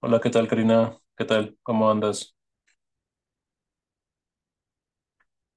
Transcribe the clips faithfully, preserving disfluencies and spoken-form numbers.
Hola, ¿qué tal, Karina? ¿Qué tal? ¿Cómo andas?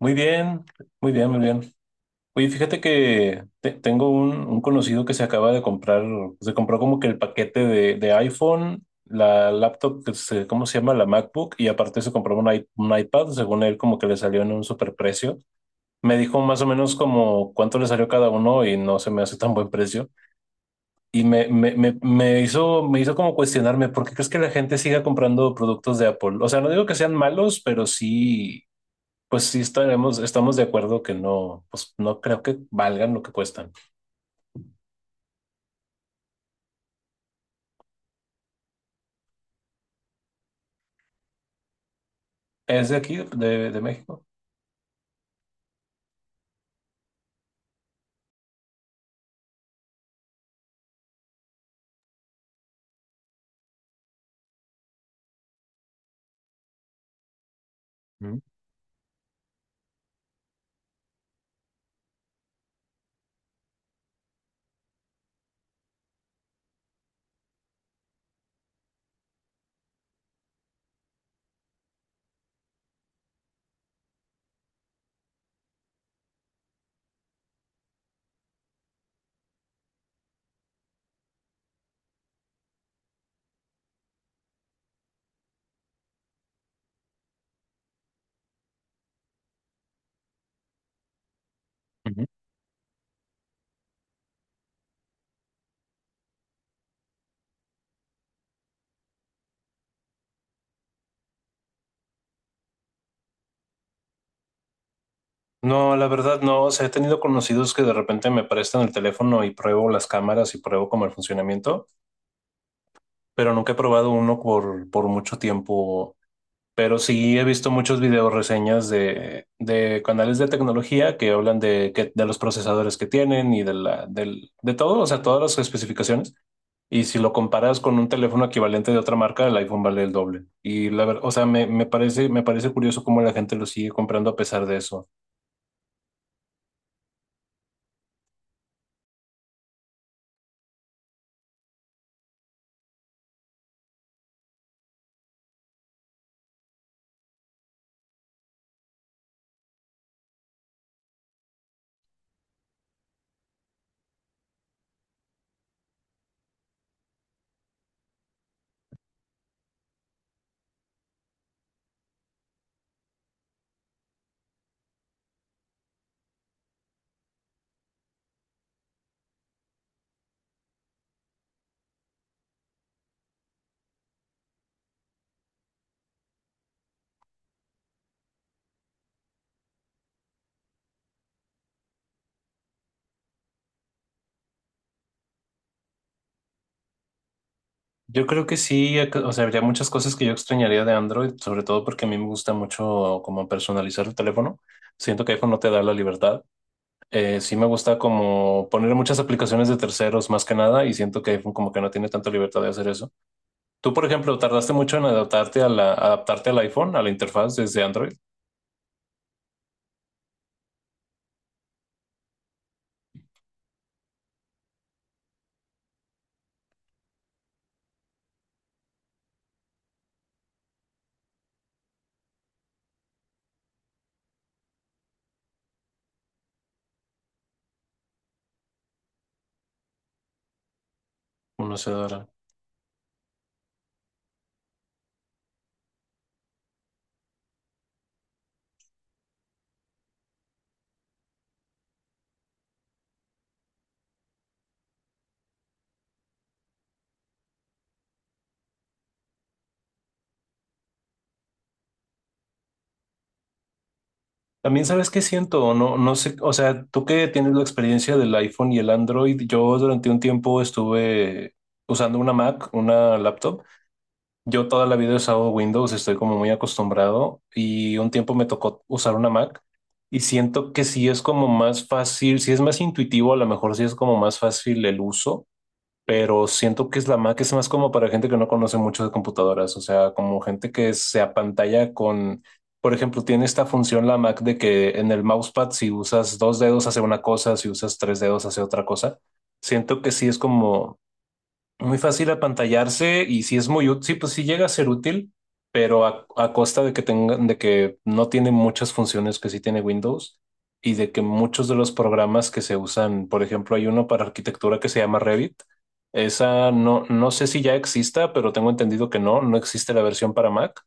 Muy bien, muy bien, muy bien. Oye, fíjate que te- tengo un, un conocido que se acaba de comprar, se compró como que el paquete de, de iPhone, la laptop, que se- ¿cómo se llama? La MacBook, y aparte se compró un, i- un iPad, según él, como que le salió en un superprecio. Me dijo más o menos como cuánto le salió cada uno y no se me hace tan buen precio. Y me, me, me, me hizo, me hizo como cuestionarme, ¿por qué crees que la gente siga comprando productos de Apple? O sea, no digo que sean malos, pero sí, pues sí estaremos, estamos de acuerdo que no, pues no creo que valgan lo que cuestan. ¿Es de aquí, de, de México? Mm, ujú. No, la verdad no. O sea, he tenido conocidos que de repente me prestan el teléfono y pruebo las cámaras y pruebo como el funcionamiento, pero nunca he probado uno por, por mucho tiempo. Pero sí he visto muchos videos reseñas de, de canales de tecnología que hablan de, que- de los procesadores que tienen y de, la, del, de todo, o sea, todas las especificaciones. Y si lo comparas con un teléfono equivalente de otra marca, el iPhone vale el doble. Y la verdad, o sea, me, me parece, me parece curioso cómo la gente lo sigue comprando a pesar de eso. Yo creo que sí, o sea, habría muchas cosas que yo extrañaría de Android, sobre todo porque a mí me gusta mucho como personalizar el teléfono. Siento que iPhone no te da la libertad. Eh, sí me gusta como poner muchas aplicaciones de terceros más que nada y siento que iPhone como que no tiene tanta libertad de hacer eso. Tú, por ejemplo, tardaste mucho en adaptarte a la, adaptarte al iPhone, a la interfaz desde Android. No se ahora. También sabes qué siento, no, no sé, o sea, tú que tienes la experiencia del iPhone y el Android, yo durante un tiempo estuve usando una Mac, una laptop. Yo toda la vida he usado Windows, estoy como muy acostumbrado y un tiempo me tocó usar una Mac y siento que sí es como más fácil, sí es más intuitivo, a lo mejor sí es como más fácil el uso, pero siento que es la Mac es más como para gente que no conoce mucho de computadoras, o sea, como gente que se apantalla con, por ejemplo, tiene esta función la Mac de que en el mousepad si usas dos dedos hace una cosa, si usas tres dedos hace otra cosa. Siento que sí es como muy fácil apantallarse y si es muy útil, sí, pues sí llega a ser útil, pero a, a costa de que tengan, de que no tiene muchas funciones que sí tiene Windows y de que muchos de los programas que se usan, por ejemplo, hay uno para arquitectura que se llama Revit. Esa no, no sé si ya exista, pero tengo entendido que no, no existe la versión para Mac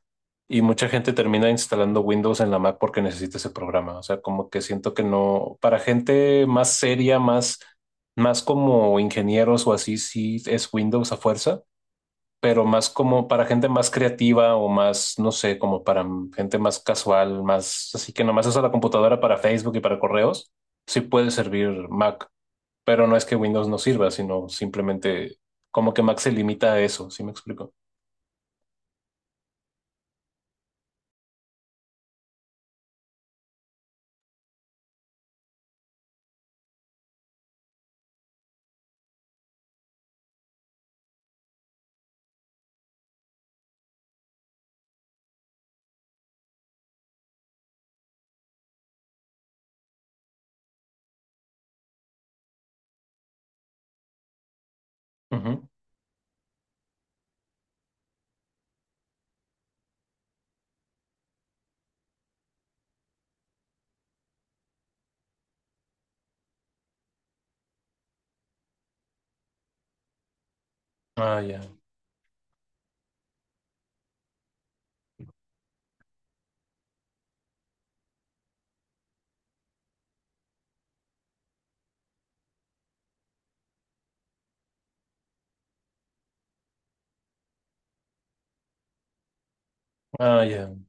y mucha gente termina instalando Windows en la Mac porque necesita ese programa. O sea, como que siento que no, para gente más seria, más más como ingenieros o así, sí es Windows a fuerza, pero más como para gente más creativa o más, no sé, como para m- gente más casual, más así que nomás usa la computadora para Facebook y para correos, sí puede servir Mac, pero no es que Windows no sirva, sino simplemente como que Mac se limita a eso, ¿sí me explico? Ujú. Ah, ya. Ah, ya.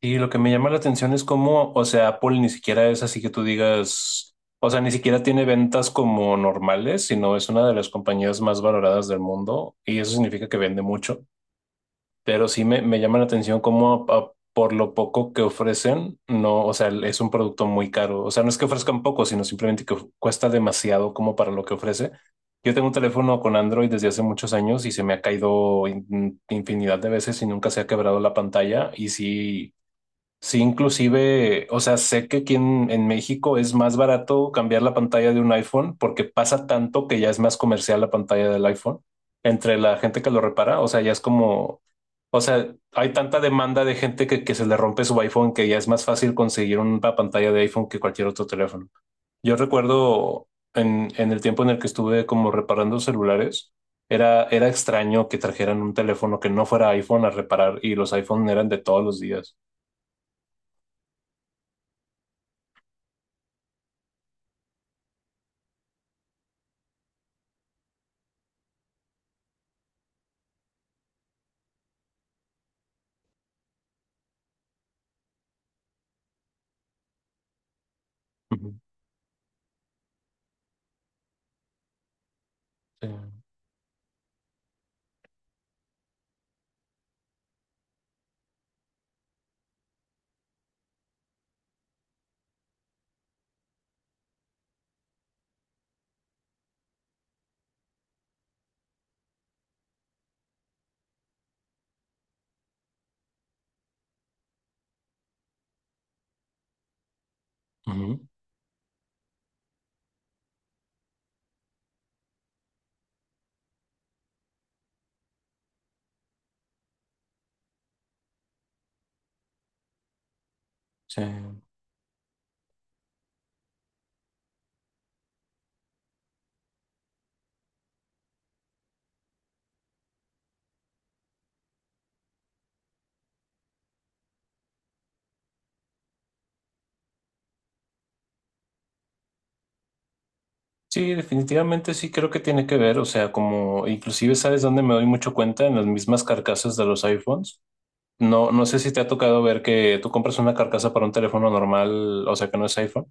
Y lo que me llama la atención es cómo, o sea, Apple ni siquiera es así que tú digas, o sea, ni siquiera tiene ventas como normales, sino es una de las compañías más valoradas del mundo y eso significa que vende mucho. Pero sí me, me llama la atención cómo a- a- por lo poco que ofrecen, no, o sea, es un producto muy caro. O sea, no es que ofrezcan poco, sino simplemente que cuesta demasiado como para lo que ofrece. Yo tengo un teléfono con Android desde hace muchos años y se me ha caído in- infinidad de veces y nunca se ha quebrado la pantalla y sí. Sí, inclusive, o sea, sé que aquí en, en México es más barato cambiar la pantalla de un iPhone porque pasa tanto que ya es más comercial la pantalla del iPhone entre la gente que lo repara. O sea, ya es como, o sea, hay tanta demanda de gente que, que se le rompe su iPhone que ya es más fácil conseguir una pantalla de iPhone que cualquier otro teléfono. Yo recuerdo en, en el tiempo en el que estuve como reparando celulares, era, era extraño que trajeran un teléfono que no fuera iPhone a reparar y los iPhone eran de todos los días. Ujú, sí, ujú, sí. Sí, definitivamente sí creo que tiene que ver, o sea, como inclusive sabes dónde me doy mucho cuenta en las mismas carcasas de los iPhones. No, no sé si te ha tocado ver que tú compras una carcasa para un teléfono normal, o sea, que no es iPhone,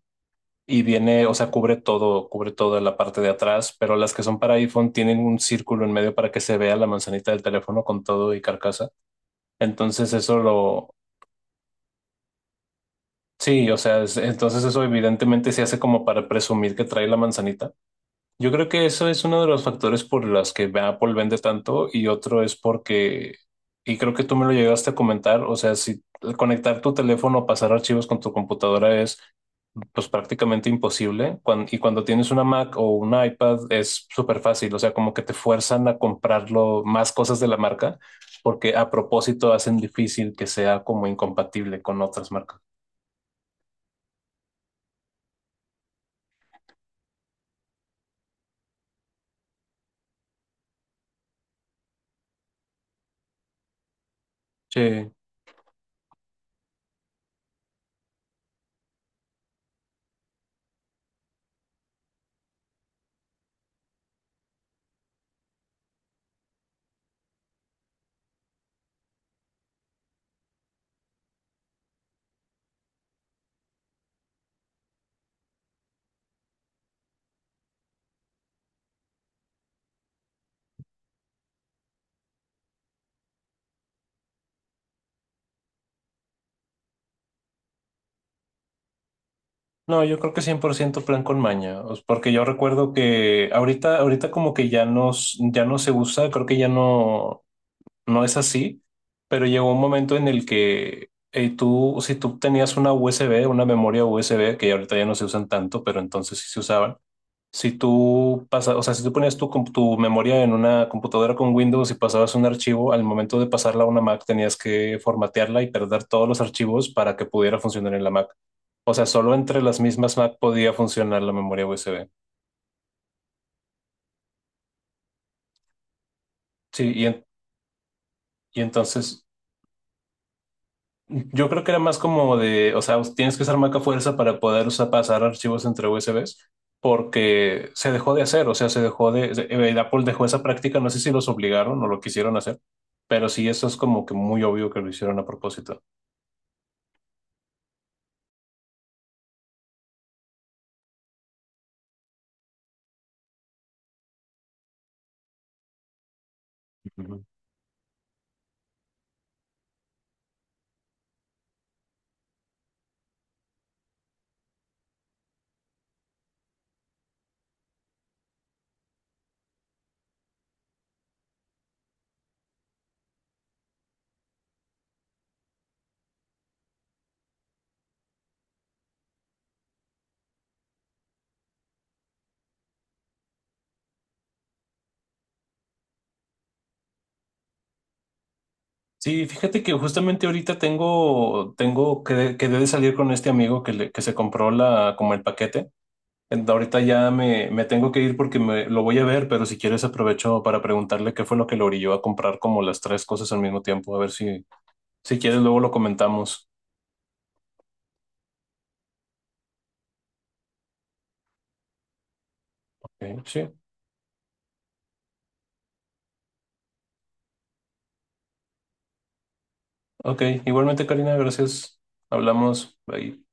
y viene, o sea, cubre todo, cubre toda la parte de atrás, pero las que son para iPhone tienen un círculo en medio para que se vea la manzanita del teléfono con todo y carcasa. Entonces eso lo. Sí, o sea, es- entonces eso evidentemente se hace como para presumir que trae la manzanita. Yo creo que eso es uno de los factores por los que Apple vende tanto y otro es porque, y creo que tú me lo llegaste a comentar, o sea, si conectar tu teléfono o pasar archivos con tu computadora es pues prácticamente imposible. Cuan- y cuando tienes una Mac o un iPad es súper fácil, o sea, como que te fuerzan a comprarlo más cosas de la marca porque a propósito hacen difícil que sea como incompatible con otras marcas. Sí. No, yo creo que cien por ciento plan con maña, o s- porque yo recuerdo que ahorita, ahorita como que ya no, s- ya no se usa, creo que ya no, no es así, pero llegó un momento en el que eh, tú, si tú tenías una U S B, una memoria U S B, que ya ahorita ya no se usan tanto, pero entonces sí se usaban, si tú pasas, o sea, si tú ponías tu, comp- tu memoria en una computadora con Windows y pasabas un archivo, al momento de pasarla a una Mac tenías que formatearla y perder todos los archivos para que pudiera funcionar en la Mac. O sea, solo entre las mismas Mac podía funcionar la memoria U S B. Sí, y, en- y entonces yo creo que era más como de, o sea, tienes que usar Mac a fuerza para poder usar, pasar archivos entre U S Bs, porque se dejó de hacer, o sea, se dejó de, se- eh, Apple dejó esa práctica, no sé si los obligaron o lo quisieron hacer, pero sí, eso es como que muy obvio que lo hicieron a propósito. Ujú. Sí, fíjate que justamente ahorita tengo, tengo que, que de salir con este amigo que, le- que se compró la, como el paquete. En- Ahorita ya me, me tengo que ir porque me, lo voy a ver, pero si quieres aprovecho para preguntarle qué fue lo que lo orilló a comprar como las tres cosas al mismo tiempo. A ver si, si quieres luego lo comentamos. Ok, sí, ok. Igualmente, Karina, gracias. Hablamos. Bye.